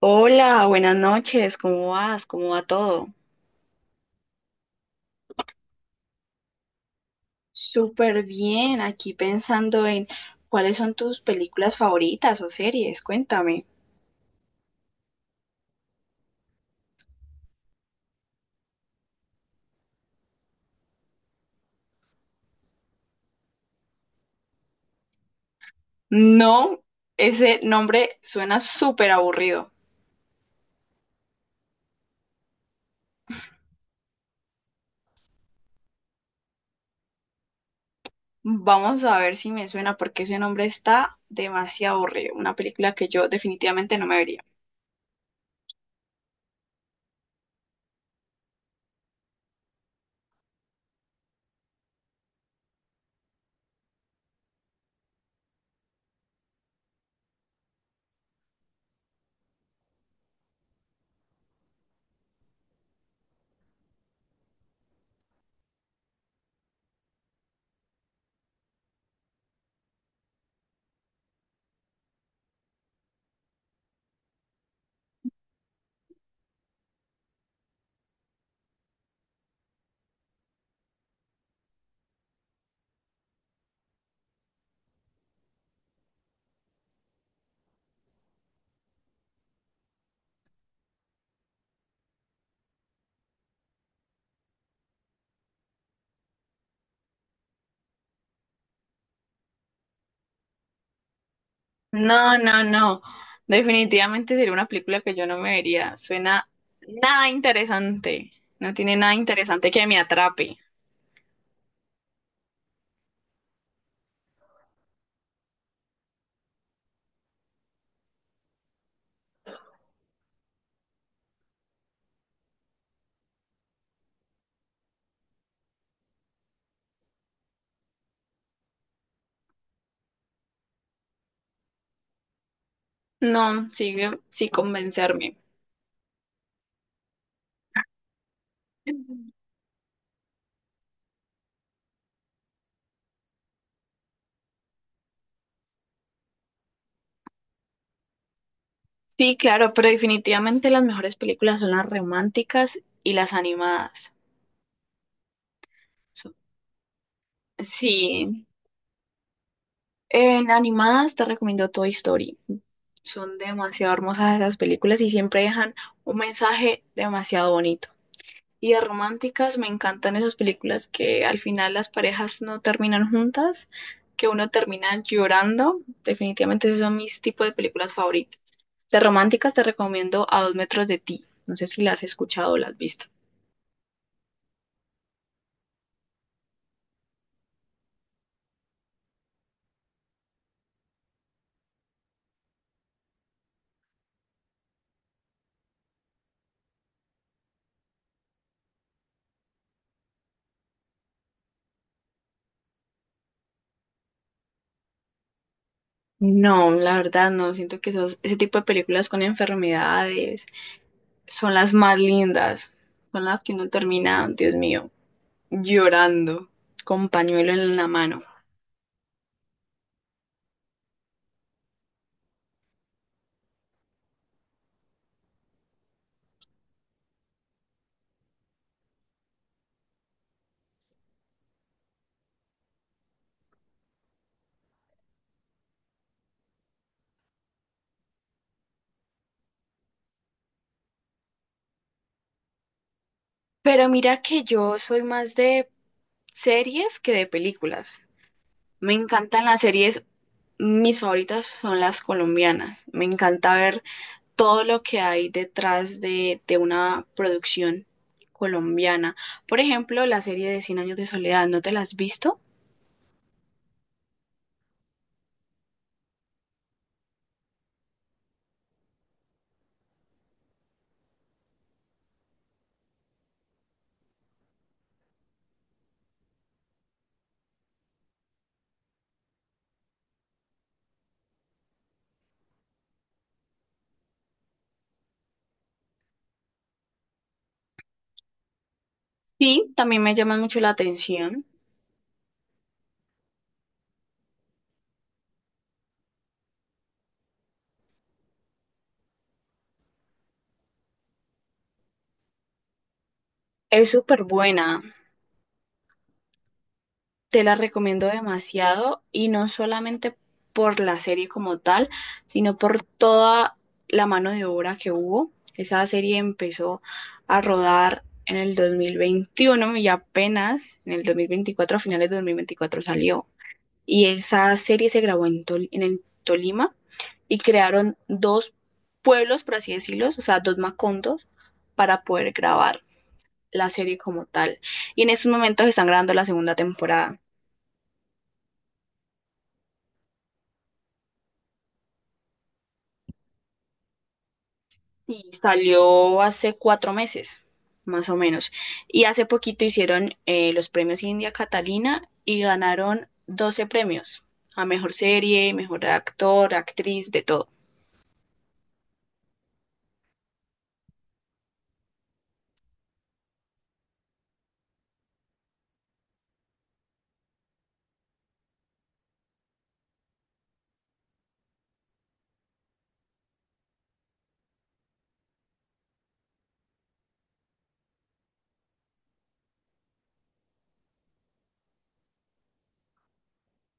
Hola, buenas noches, ¿cómo vas? ¿Cómo va todo? Súper bien, aquí pensando en cuáles son tus películas favoritas o series, cuéntame. No, ese nombre suena súper aburrido. Vamos a ver si me suena porque ese nombre está demasiado aburrido, una película que yo definitivamente no me vería. No, no, no, definitivamente sería una película que yo no me vería, suena nada interesante, no tiene nada interesante que me atrape. No, sigue sin convencerme. Sí, claro, pero definitivamente las mejores películas son las románticas y las animadas. So- Sí, en animadas te recomiendo Toy Story. Son demasiado hermosas esas películas y siempre dejan un mensaje demasiado bonito. Y de románticas me encantan esas películas que al final las parejas no terminan juntas, que uno termina llorando. Definitivamente esos son mis tipos de películas favoritas. De románticas te recomiendo A dos metros de ti. No sé si la has escuchado o la has visto. No, la verdad no. Siento que ese tipo de películas con enfermedades son las más lindas. Son las que uno termina, Dios mío, llorando con pañuelo en la mano. Pero mira que yo soy más de series que de películas. Me encantan las series, mis favoritas son las colombianas. Me encanta ver todo lo que hay detrás de una producción colombiana. Por ejemplo, la serie de Cien años de soledad, ¿no te la has visto? Sí, también me llama mucho la atención. Es súper buena. Te la recomiendo demasiado y no solamente por la serie como tal, sino por toda la mano de obra que hubo. Esa serie empezó a rodar en el 2021 y apenas en el 2024, a finales de 2024 salió. Y esa serie se grabó en, en el Tolima y crearon dos pueblos, por así decirlo, o sea, dos macondos para poder grabar la serie como tal. Y en estos momentos están grabando la segunda temporada. Sí, salió hace 4 meses, más o menos. Y hace poquito hicieron los premios India Catalina y ganaron 12 premios a mejor serie, mejor actor, actriz, de todo.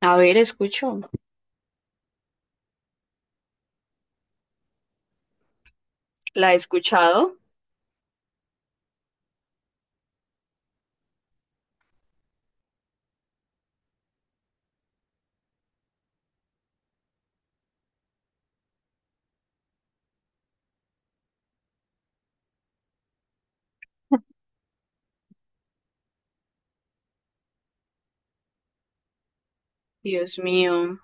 A ver, escucho. La he escuchado. Dios mío,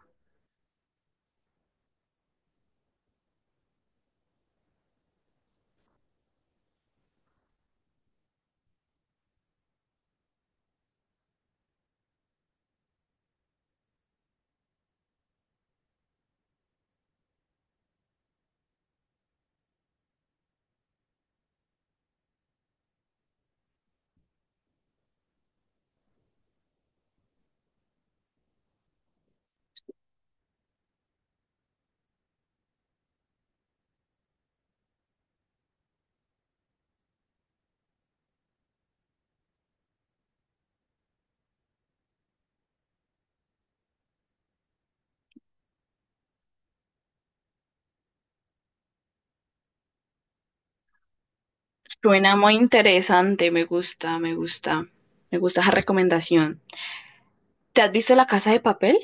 suena muy interesante. Me gusta, me gusta. Me gusta esa recomendación. ¿Te has visto La Casa de Papel?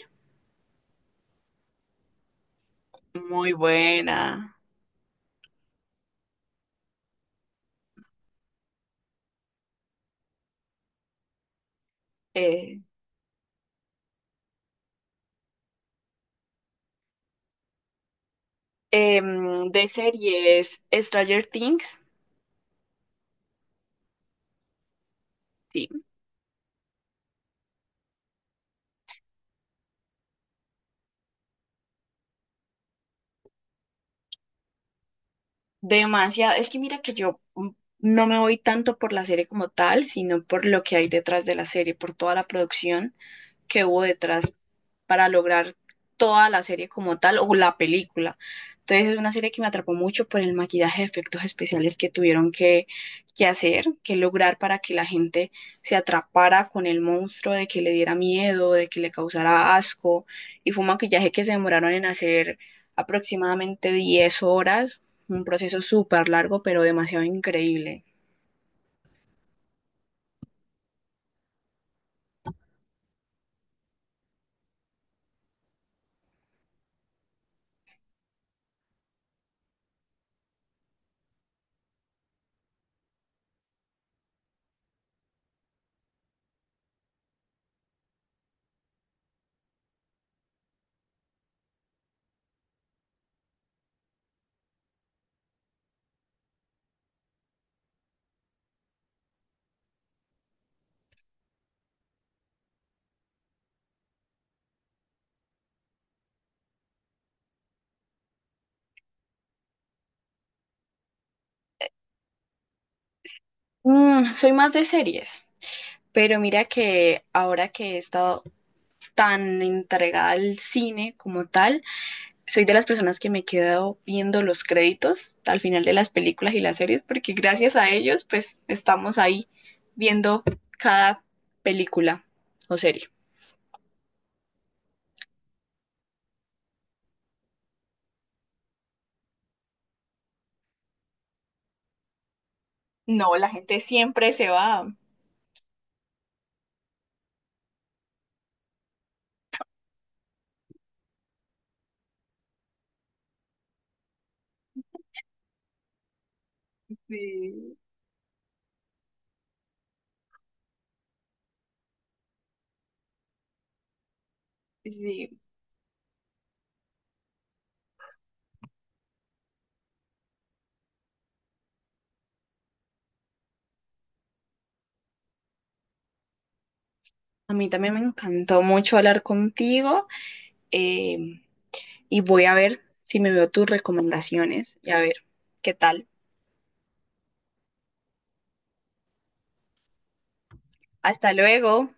Muy buena. Eh, de series, Stranger Things. Sí, demasiado. Es que mira que yo no me voy tanto por la serie como tal, sino por lo que hay detrás de la serie, por toda la producción que hubo detrás para lograr toda la serie como tal o la película. Entonces es una serie que me atrapó mucho por el maquillaje de efectos especiales que tuvieron que hacer, que lograr para que la gente se atrapara con el monstruo, de que le diera miedo, de que le causara asco. Y fue un maquillaje que se demoraron en hacer aproximadamente 10 horas un proceso súper largo, pero demasiado increíble. Mm, soy más de series, pero mira que ahora que he estado tan entregada al cine como tal, soy de las personas que me he quedado viendo los créditos al final de las películas y las series, porque gracias a ellos, pues estamos ahí viendo cada película o serie. No, la gente siempre se va. Sí, sí. A mí también me encantó mucho hablar contigo. Eh, y voy a ver si me veo tus recomendaciones y a ver qué tal. Hasta luego.